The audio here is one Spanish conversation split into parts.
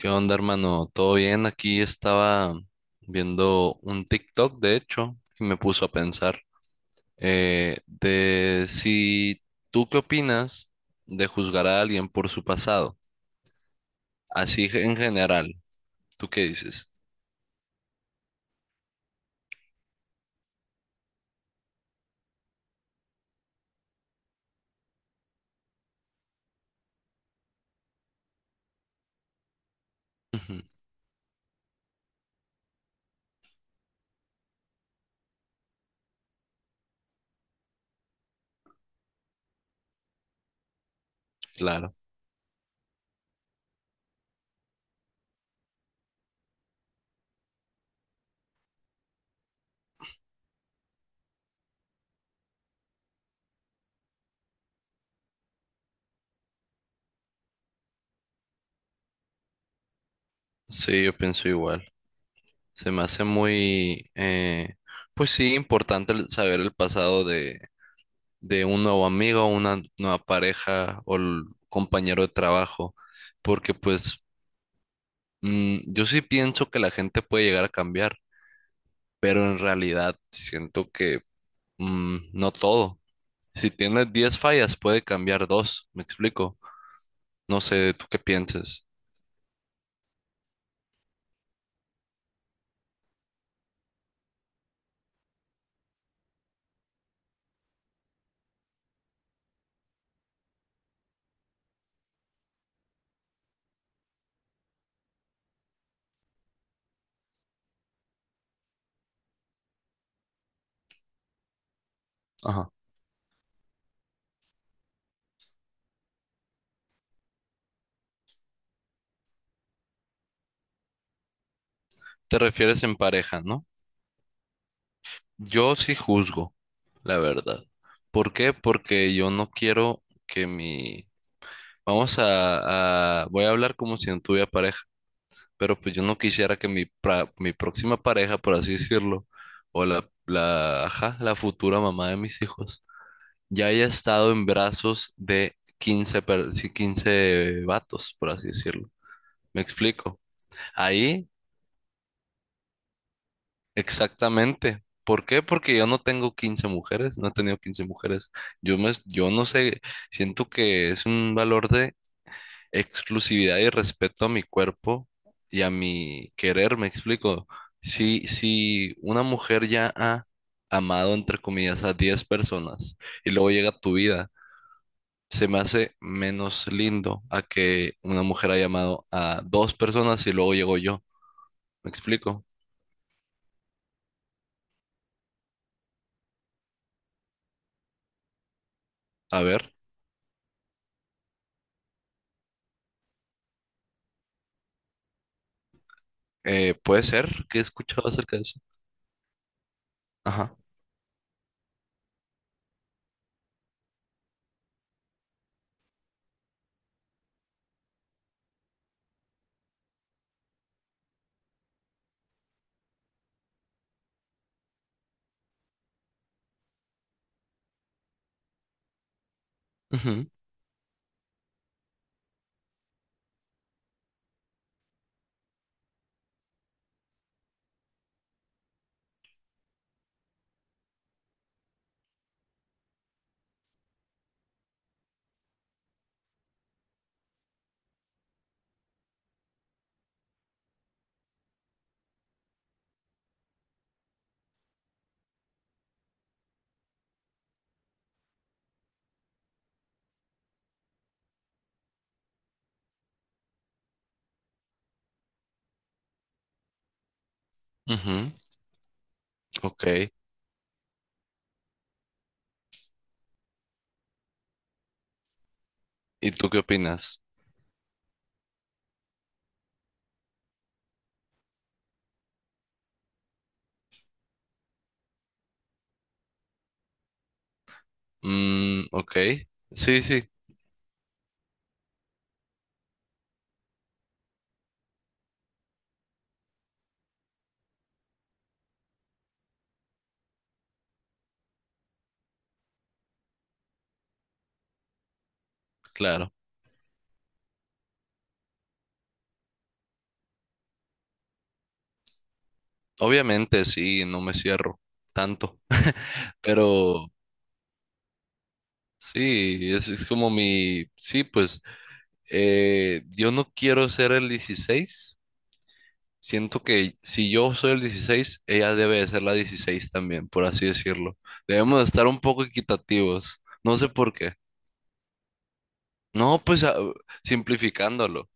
¿Qué onda, hermano? ¿Todo bien? Aquí estaba viendo un TikTok, de hecho, y me puso a pensar de si tú qué opinas de juzgar a alguien por su pasado, así en general, ¿tú qué dices? Ujú, claro, sí, yo pienso igual. Se me hace muy, pues sí, importante saber el pasado de un nuevo amigo, una nueva pareja o el compañero de trabajo, porque pues yo sí pienso que la gente puede llegar a cambiar, pero en realidad siento que no todo. Si tienes 10 fallas, puede cambiar dos, me explico. No sé, ¿tú qué piensas? Ajá. Te refieres en pareja, ¿no? Yo sí juzgo, la verdad. ¿Por qué? Porque yo no quiero que mi... Vamos a... Voy a hablar como si no tuviera pareja. Pero pues yo no quisiera que mi próxima pareja, por así decirlo, o ajá, la futura mamá de mis hijos, ya haya estado en brazos de sí, 15 vatos, por así decirlo. ¿Me explico? Ahí, exactamente. ¿Por qué? Porque yo no tengo 15 mujeres, no he tenido 15 mujeres. Yo no sé, siento que es un valor de exclusividad y respeto a mi cuerpo y a mi querer, me explico. Si una mujer ya ha amado, entre comillas, a 10 personas y luego llega tu vida, se me hace menos lindo a que una mujer haya amado a dos personas y luego llego yo. ¿Me explico? A ver, puede ser que he escuchado acerca de eso. Ajá. Ujú, ujú, ok. ¿Y tú qué opinas? Mm, ok. Sí, sí, claro. Obviamente, sí, no me cierro tanto, pero sí, es como mi, sí, pues yo no quiero ser el 16. Siento que si yo soy el 16, ella debe de ser la 16 también, por así decirlo. Debemos de estar un poco equitativos, no sé por qué. No, pues ah, simplificándolo,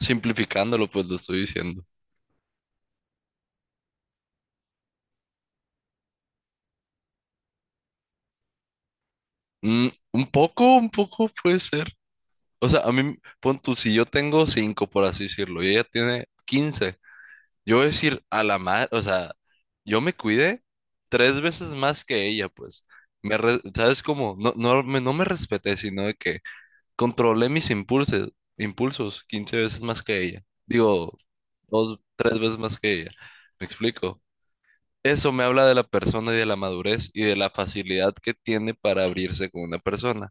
simplificándolo, pues lo estoy diciendo. Un poco, un poco puede ser. O sea, a mí, pon tú, si yo tengo 5, por así decirlo, y ella tiene... 15. Yo voy a decir a la madre, o sea, yo me cuidé tres veces más que ella, pues. ¿Sabes cómo? No, no, no me respeté, sino de que controlé mis impulsos, impulsos 15 veces más que ella. Digo, dos, tres veces más que ella. ¿Me explico? Eso me habla de la persona y de la madurez y de la facilidad que tiene para abrirse con una persona.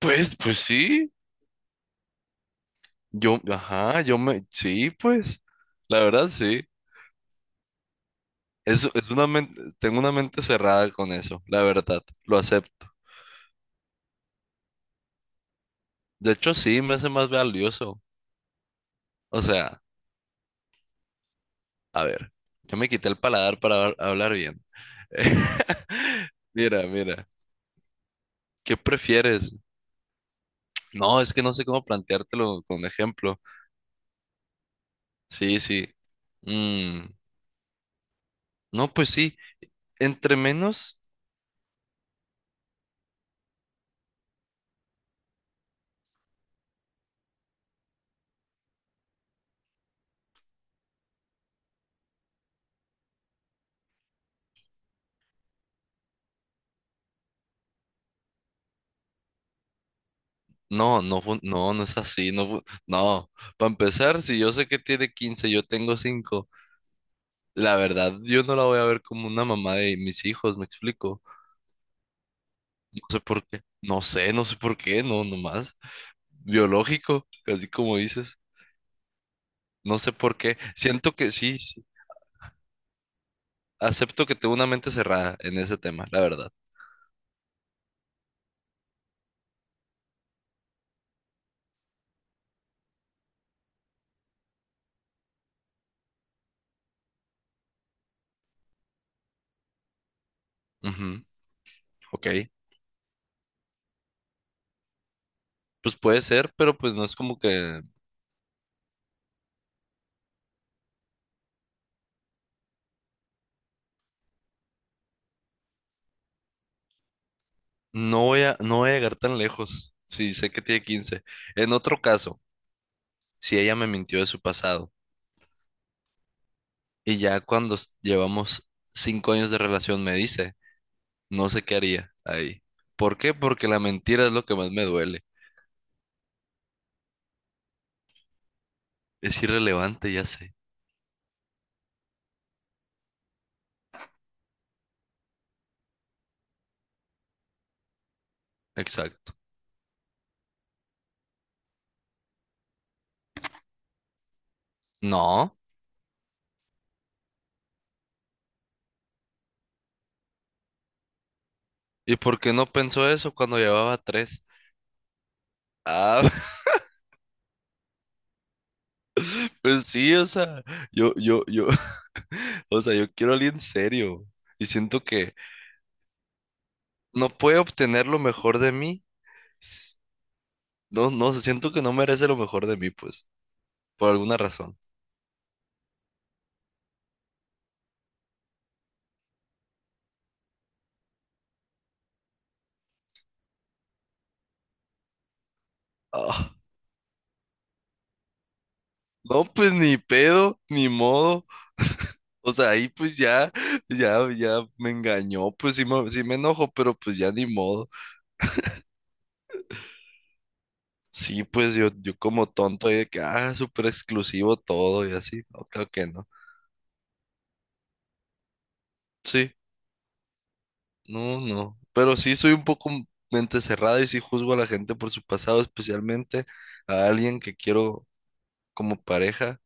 Pues, pues sí. Yo, ajá, yo me, Sí, pues. La verdad, sí. Es, es una men- Tengo una mente cerrada con eso, la verdad, lo acepto. De hecho, sí, me hace más valioso. O sea, a ver, yo me quité el paladar para hablar bien. Mira, mira, ¿qué prefieres? No, es que no sé cómo planteártelo con ejemplo. Sí, sí. Mm, no, pues sí, entre menos, no, no, no, no es así, no, no. Para empezar, si yo sé que tiene 15, yo tengo cinco. La verdad, yo no la voy a ver como una mamá de mis hijos, me explico. No sé por qué. No sé por qué, no, nomás. Biológico, casi como dices. No sé por qué. Siento que sí, sí, acepto que tengo una mente cerrada en ese tema, la verdad. Ujú, ok, pues puede ser, pero pues no es como que no voy a llegar tan lejos. Sí, sé que tiene 15. En otro caso, si ella me mintió de su pasado y ya cuando llevamos 5 años de relación me dice. No sé qué haría ahí. ¿Por qué? Porque la mentira es lo que más me duele. Es irrelevante, ya sé. Exacto. No. ¿Y por qué no pensó eso cuando llevaba tres? Ah, pues sí, o sea, yo, o sea, yo quiero a alguien serio. Y siento que no puede obtener lo mejor de mí. S- No, no, sé, siento que no merece lo mejor de mí, pues, por alguna razón. Ah, no, pues ni pedo, ni modo. O sea, ahí pues ya me engañó, pues sí me enojo, pero pues ya ni modo. Sí, pues yo como tonto ahí de que, ah, súper exclusivo todo y así. No, claro que no. Sí, no, no. Pero sí soy un poco mente cerrada y sí juzgo a la gente por su pasado, especialmente a alguien que quiero como pareja.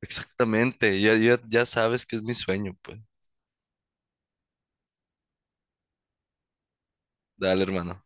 Exactamente, ya sabes que es mi sueño, pues. Dale, hermano.